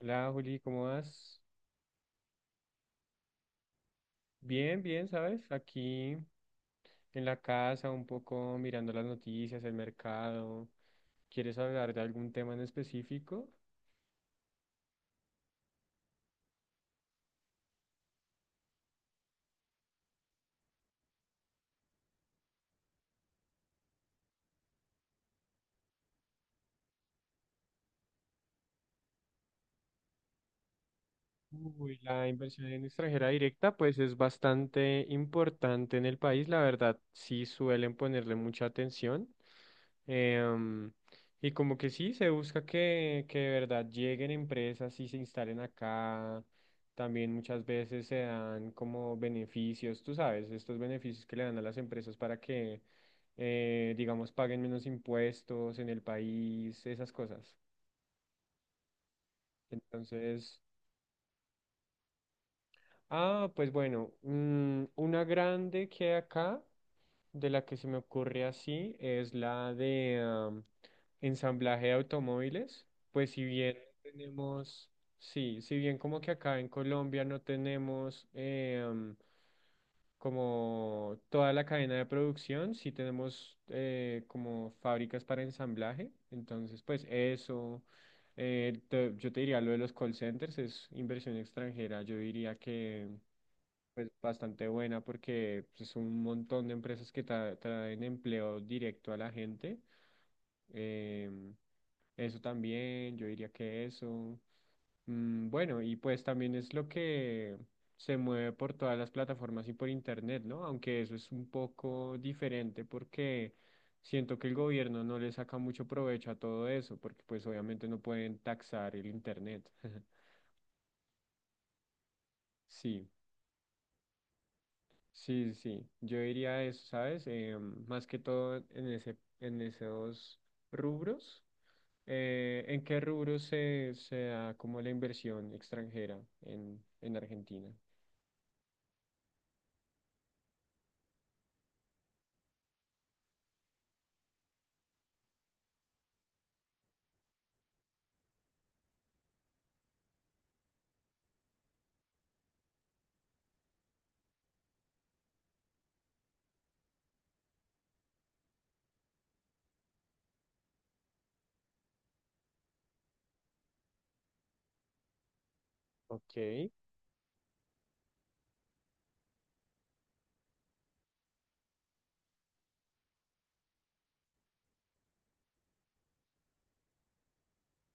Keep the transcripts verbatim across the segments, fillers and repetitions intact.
Hola Juli, ¿cómo vas? Bien, bien, ¿sabes? Aquí en la casa, un poco mirando las noticias, el mercado. ¿Quieres hablar de algún tema en específico? Uy, la inversión en extranjera directa pues es bastante importante en el país, la verdad, sí suelen ponerle mucha atención. em, y como que sí, se busca que, que de verdad lleguen empresas y se instalen acá. También muchas veces se dan como beneficios, tú sabes, estos beneficios que le dan a las empresas para que, eh, digamos, paguen menos impuestos en el país, esas cosas. Entonces, ah, pues bueno, mm, una grande que hay acá, de la que se me ocurre así, es la de am, ensamblaje de automóviles. Pues si bien no tenemos, sí, si bien como que acá en Colombia no tenemos eh, am, como toda la cadena de producción, sí tenemos eh, como fábricas para ensamblaje. Entonces, pues eso, eh, te- yo te diría lo de los call centers, es inversión extranjera, yo diría que... Pues bastante buena porque es un montón de empresas que tra- traen empleo directo a la gente. Em, eso también, yo diría que eso. Mm, bueno, y pues también es lo que se mueve por todas las plataformas y por internet, ¿no? Aunque eso es un poco diferente porque siento que el gobierno no le saca mucho provecho a todo eso porque pues obviamente no pueden taxar el internet. Sí. Sí, sí, sí. yo diría eso, ¿sabes? Eh, más que todo en ese, en esos rubros. Eh, ¿en qué rubros se, se da como la inversión extranjera en, en Argentina? Ok.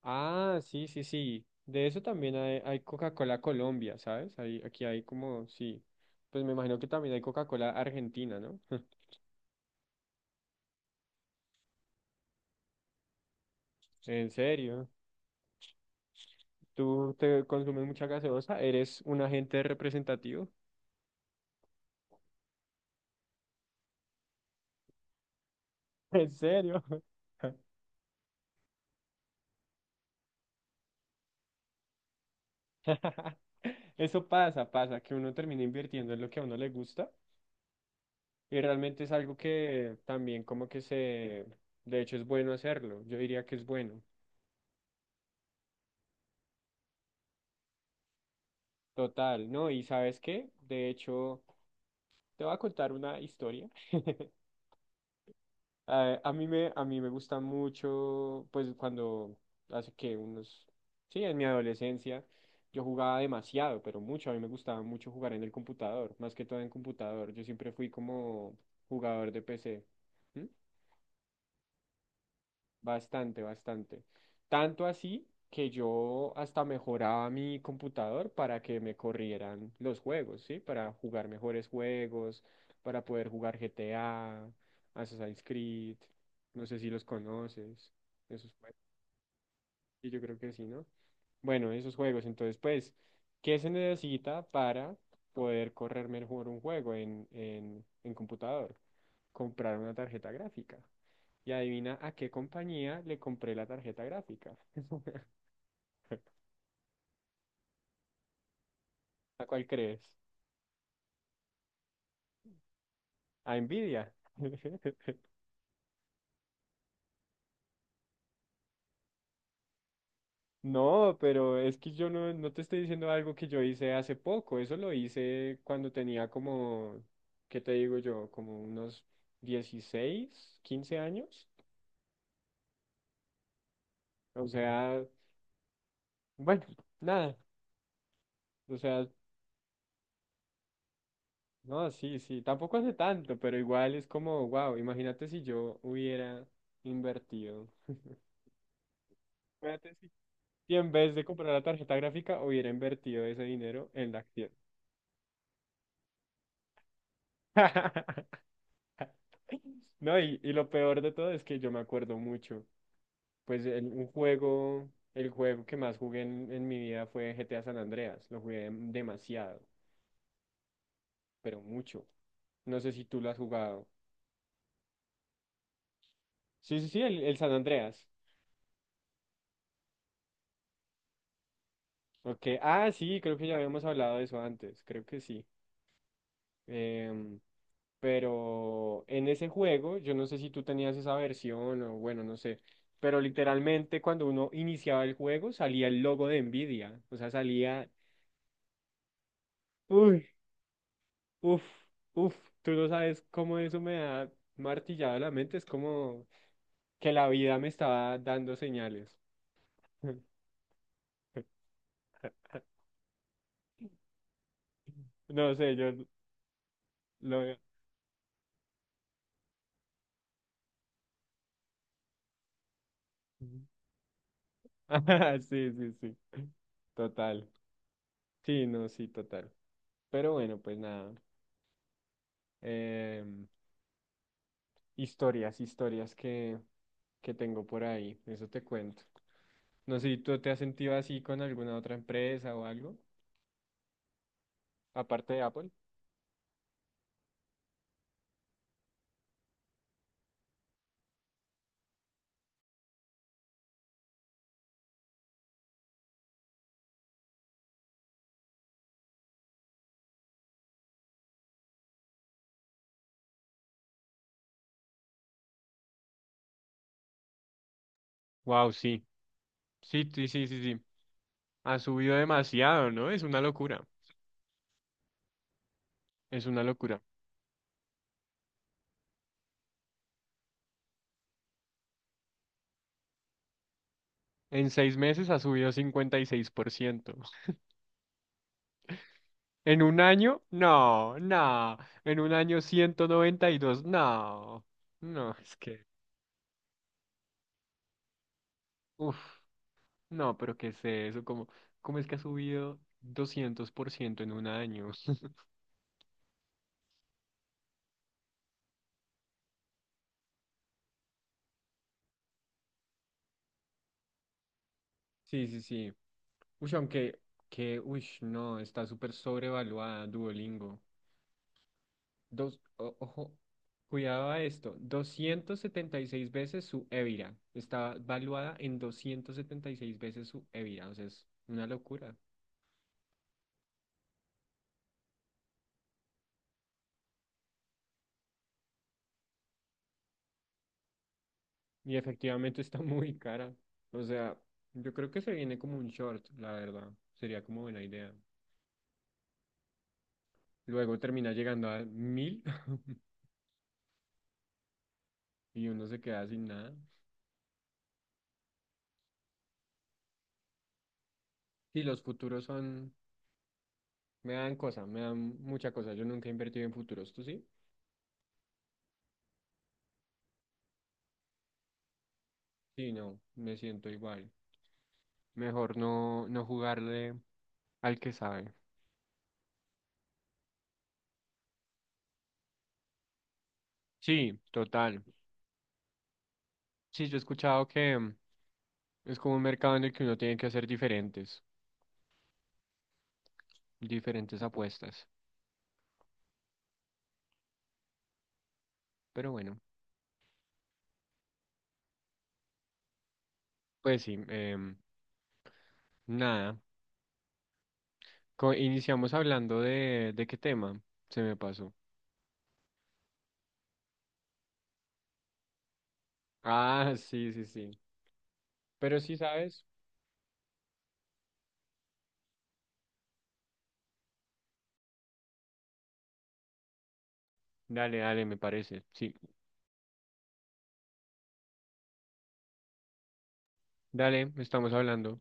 Ah, sí, sí, sí. De eso también hay, hay Coca-Cola Colombia, ¿sabes? Hay, aquí hay como, sí. Pues me imagino que también hay Coca-Cola Argentina, ¿no? En serio. ¿Tú te consumes mucha gaseosa? ¿Eres un agente representativo? ¿En serio? Eso pasa, pasa, que uno termina invirtiendo en lo que a uno le gusta y realmente es algo que también como que se, de hecho es bueno hacerlo, yo diría que es bueno, total, ¿no? Y ¿sabes qué? De hecho, te voy a contar una historia. A, a mí me, a mí me gusta mucho, pues cuando hace que unos, sí, en mi adolescencia yo jugaba demasiado, pero mucho, a mí me gustaba mucho jugar en el computador, más que todo en computador, yo siempre fui como jugador de P C. ¿Mm? Bastante, bastante. Tanto así que yo hasta mejoraba mi computador para que me corrieran los juegos, ¿sí? Para jugar mejores juegos, para poder jugar G T A, Assassin's Creed, no sé si los conoces, esos juegos. Y yo creo que sí, ¿no? Bueno, esos juegos. Entonces, pues, ¿qué se necesita para poder correr mejor un juego en, en, en computador? Comprar una tarjeta gráfica. Y adivina a qué compañía le compré la tarjeta gráfica. ¿A cuál crees? A Nvidia. No, pero es que yo no, no te estoy diciendo algo que yo hice hace poco. Eso lo hice cuando tenía como, ¿qué te digo yo? Como unos dieciséis quince años. O sea, bueno, nada. O sea, no, sí, sí. Tampoco hace tanto, pero igual es como, wow, imagínate si yo hubiera invertido. Espérate, y en vez de comprar la tarjeta gráfica, hubiera invertido ese dinero en la acción. No, y, y lo peor de todo es que yo me acuerdo mucho. Pues el- un juego, el juego que más jugué en, en mi vida fue G T A San Andreas. Lo jugué dem- demasiado, pero mucho. No sé si tú lo has jugado. Sí, sí, sí, el, el San Andreas. Ok, ah, sí, creo que ya habíamos hablado de eso antes, creo que sí. Em, Pero en ese juego, yo no sé si tú tenías esa versión o bueno, no sé, pero literalmente cuando uno iniciaba el juego salía el logo de Nvidia, o sea, salía, uy, uf, uf, tú no sabes cómo eso me ha martillado la mente, es como que la vida me estaba dando señales. No sé, yo lo veo. Ujú. Ajá, sí, sí, sí, total. Sí, no, sí, total. Pero bueno, pues nada. em, historias, historias que, que tengo por ahí. Eso te cuento. No sé si tú te has sentido así con alguna otra empresa o algo, aparte de Apple. Wow, sí. Sí, sí, sí, sí, sí. Ha subido demasiado, ¿no? Es una locura. Es una locura. En seis meses ha subido cincuenta y seis por ciento. En un año, no, no. En un año, ciento noventa y dos no. No, es que, uf, no, pero qué sé eso, como, ¿cómo es que ha subido doscientos por ciento en un año? Sí, sí, sí. Uy, aunque, que, uy, no, está súper sobrevaluada Duolingo. Dos, o- ojo, cuidado a esto, doscientas setenta y seis veces su Evira. Está valuada en doscientas setenta y seis veces su Evira, o sea, es una locura. Y efectivamente está muy cara. O sea, yo creo que se viene como un short, la verdad. Sería como buena idea. Luego termina llegando a mil y uno se queda sin nada. Sí, los futuros son. Me dan cosas, me dan mucha cosa. Yo nunca he invertido en futuros, ¿tú sí? Sí, no, me siento igual. Mejor no, no jugarle al que sabe. Sí, total. Sí, yo he escuchado que mm, es como un mercado en el que uno tiene que hacer diferentes, diferentes apuestas. Pero bueno, pues sí, em, nada. Co- iniciamos hablando de, de qué tema se me pasó. Ah, sí, sí, sí. Pero sí, ¿sabes? Dale, dale, me parece. Sí, dale, estamos hablando.